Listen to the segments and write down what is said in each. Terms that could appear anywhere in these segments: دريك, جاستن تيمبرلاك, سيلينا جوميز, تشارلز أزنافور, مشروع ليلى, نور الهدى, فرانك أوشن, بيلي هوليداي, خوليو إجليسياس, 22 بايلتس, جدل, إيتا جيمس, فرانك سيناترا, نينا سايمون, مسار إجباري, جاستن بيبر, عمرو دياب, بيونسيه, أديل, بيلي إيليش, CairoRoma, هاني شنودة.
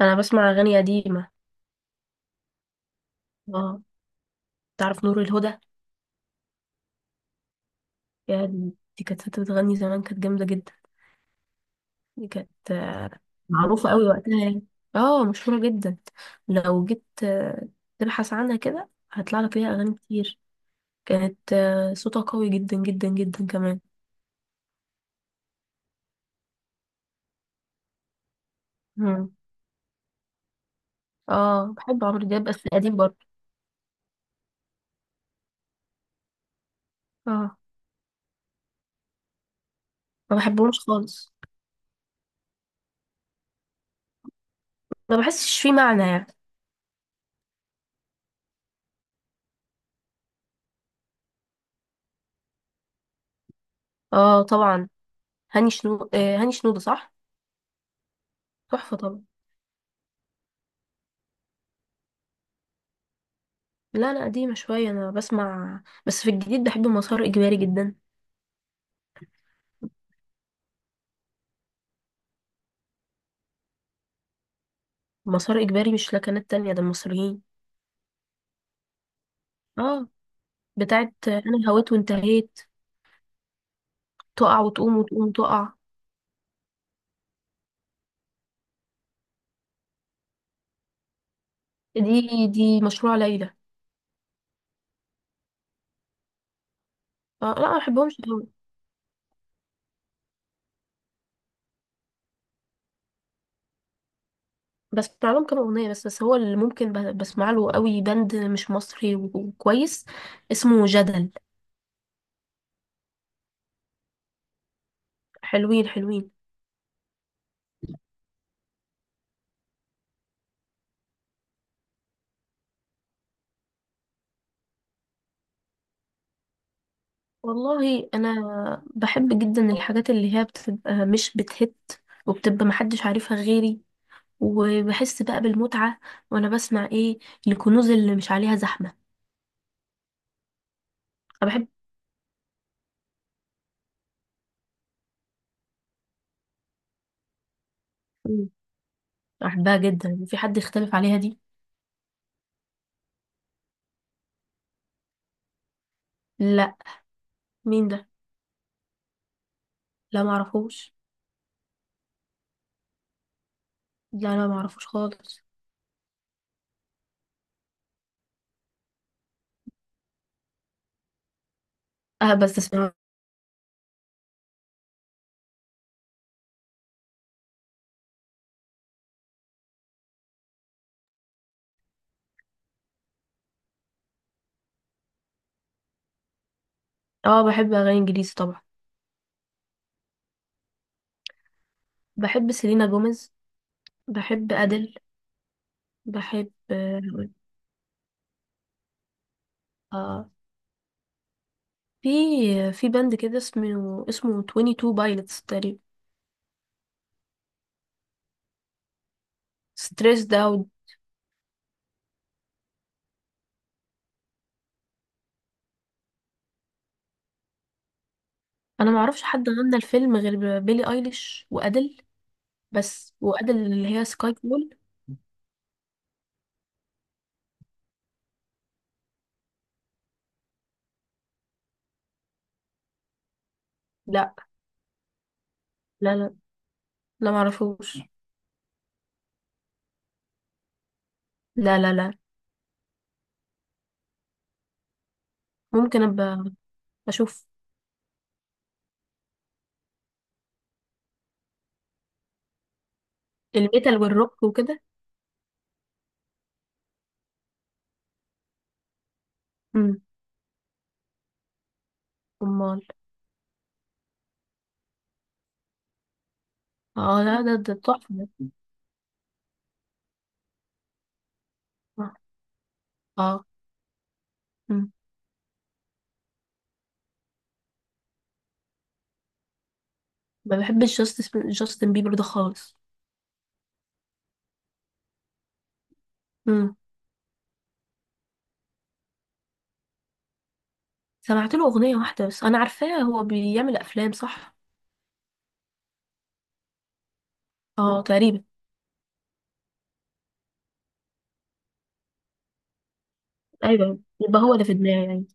انا بسمع اغاني قديمه. اه. تعرف نور الهدى؟ يا دي. دي كانت ست بتغني زمان، كانت جامده جدا. دي كانت معروفه قوي وقتها يعني. اه، مشهوره جدا. لو جيت تبحث عنها كده هيطلع لك ليها اغاني كتير. كانت صوتها قوي جدا جدا جدا كمان. مم. اه، بحب عمرو دياب بس القديم برضه. اه، ما بحبهمش خالص. ما بحسش فيه معنى يعني. اه طبعا. هاني شنودة، صح؟ تحفه طبعا. لا، لا قديمة شوية، أنا بسمع بس في الجديد بحب مسار إجباري جدا. مسار إجباري مش لكنات تانية، ده المصريين. اه، بتاعت أنا هويت وانتهيت، تقع وتقوم وتقوم تقع. دي مشروع ليلى. لا، ما بحبهمش دول. بسمع لهم كام أغنية بس هو اللي ممكن بسمع له قوي، باند مش مصري وكويس، اسمه جدل. حلوين حلوين. والله أنا بحب جدا الحاجات اللي هي بتبقى مش بتهت، وبتبقى محدش عارفها غيري، وبحس بقى بالمتعة. وانا بسمع ايه؟ الكنوز اللي مش عليها زحمة. انا بحب. مم. بحبها جدا، في حد يختلف عليها دي؟ لا. مين ده؟ لا معرفوش. لا لا، معرفوش خالص. اه، بس اسمع. اه، بحب اغاني انجليزي طبعا. بحب سيلينا جوميز، بحب ادل، بحب اه في في باند كده اسمه 22 بايلتس تقريبا. ستريسد اوت. انا معرفش حد غنى الفيلم غير بيلي ايليش وادل. بس وادل اللي هي سكاي. لا لا لا. لا معرفوش. لا لا لا. ممكن ابقى اشوف. الميتال والروك وكده؟ امم. امال. اه، لا، ده تحفه. ده اه. آه. مم. ما بحبش جاستن بيبر ده خالص. امم. سمعت له اغنيه واحده بس، انا عارفاه هو بيعمل افلام، صح؟ اه، تقريبا. ايوه يبقى هو ده في دماغي يعني،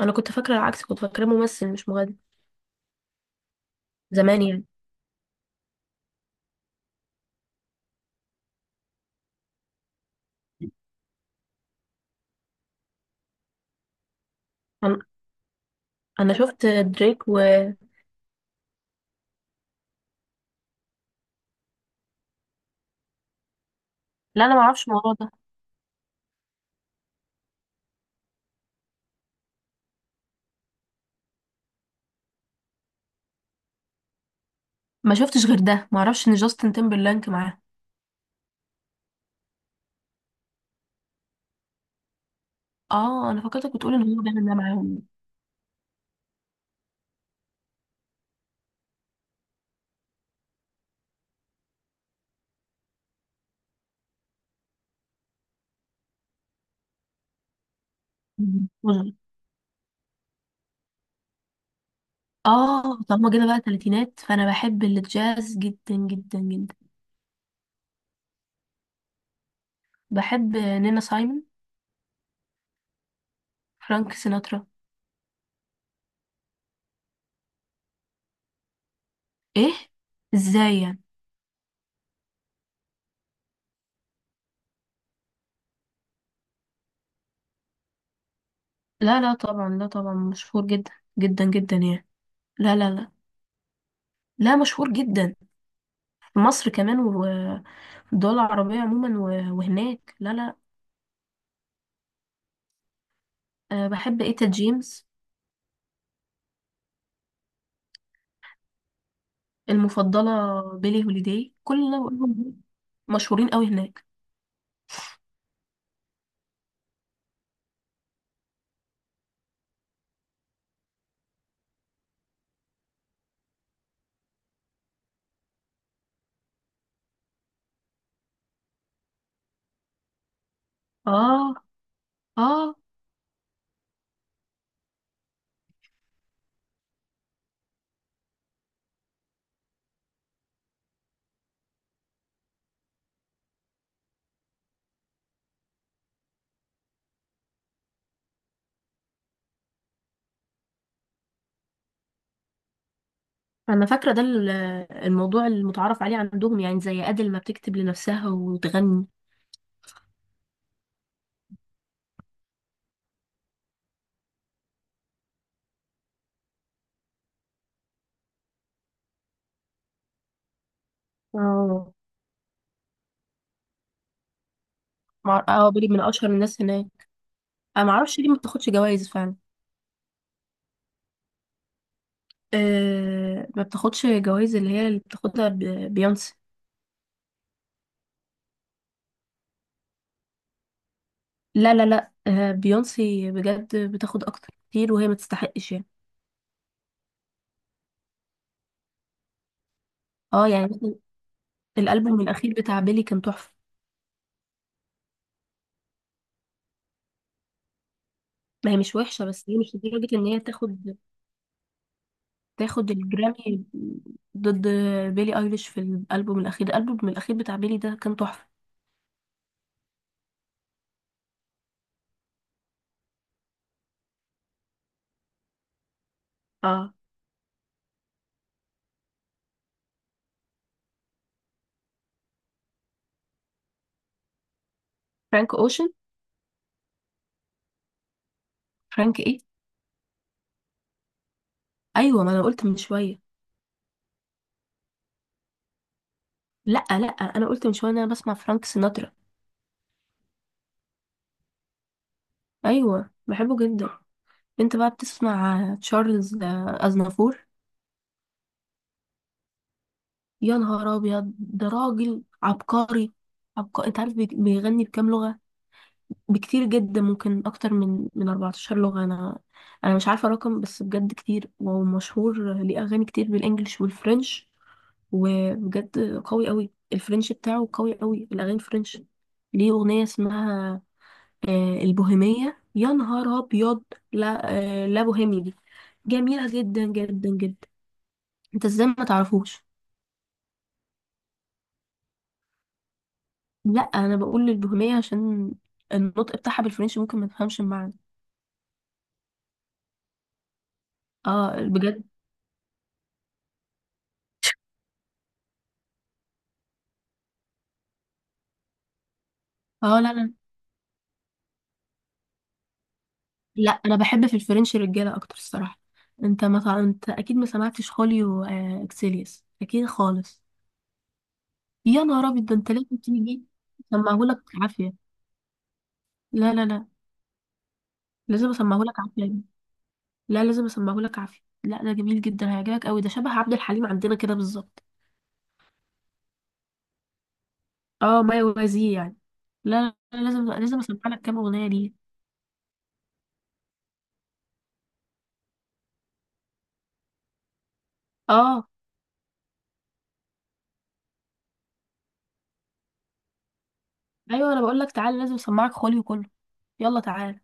انا كنت فاكره العكس، كنت فاكره ممثل مش مغني، زمان يعني. انا، أنا شفت دريك و. لا انا ما اعرفش الموضوع ده. ما شفتش غير ده، ما اعرفش ان جاستن تيمبرلانك معاه. اه، انا فكرتك بتقول ان هو بيعمل ده معاهم. مم. وزن. اه طالما جينا بقى تلاتينات، فانا بحب الجاز جدا جدا جدا. بحب نينا سايمون، فرانك سيناترا. ايه؟ ازاي يعني؟ لا لا طبعا، لا طبعا مشهور جدا، جدا جدا يعني. لا لا لا. لا، مشهور جدا في مصر كمان، وفي الدول العربية عموما، وهناك. لا لا. أه، بحب ايتا جيمس. المفضلة بيلي هوليداي. كل اللي أنا بقولهم دول مشهورين قوي هناك. اه، اه، انا فاكره ده الموضوع المتعارف عليه عندهم يعني، زي ادل ما بتكتب لنفسها وتغني. اه. بالي من اشهر الناس هناك. انا ما اعرفش ليه ما بتاخدش جوائز فعلا. أه، ما بتاخدش جوائز، اللي بتاخدها بيونسي. لا لا لا، أه، بيونسي بجد بتاخد اكتر كتير، وهي ما تستحقش يعني. اه يعني مثلا الالبوم الاخير بتاع بيلي كان تحفه. ما هي مش وحشه، بس هي مش لدرجه ان هي تاخد الجرامي ضد بيلي ايليش في الالبوم الاخير. الالبوم الاخير بتاع بيلي ده كان تحفه. اه، فرانك اوشن. فرانك ايه؟ ايوه ما انا قلت من شويه. لا لا، انا قلت من شويه ان انا بسمع فرانك سيناترا. ايوه، بحبه جدا. انت بقى بتسمع تشارلز اznافور؟ يا نهار ابيض، ده راجل عبقري، عبقري. انت عارف بيغني بكام لغه؟ بكتير جدا، ممكن اكتر من 14 لغة. انا مش عارفة رقم بس بجد كتير، ومشهور ليه اغاني كتير بالانجلش والفرنش. وبجد قوي قوي الفرنش بتاعه، قوي قوي الاغاني الفرنش. ليه اغنية اسمها البوهيمية، يا نهار ابيض. لا، لا بوهيمي دي، جميلة جدا جدا جدا. انت ازاي ما تعرفوش؟ لا، انا بقول البوهيمية عشان النطق بتاعها بالفرنش ممكن ما تفهمش المعنى. اه بجد. اه، لا لا لا، انا بحب في الفرنش رجاله اكتر الصراحه. انت اكيد ما سمعتش خوليو اكسيليوس، اكيد خالص. يا نهار ابيض، ده انت لازم تيجي اسمعهولك عافيه. لا لا لا، لازم اسمعهولك عافيه. لا، لازم اسمعهولك عافيه، لا ده جميل جدا، هيعجبك قوي، ده شبه عبد الحليم عندنا كده بالظبط. اه، ما يوازيه يعني. لا لا لا، لازم لازم اسمع لك كام اغنيه ليه. اه. ايوه، انا بقول لك تعالى، لازم اسمعك خوليو كله. يلا تعالى.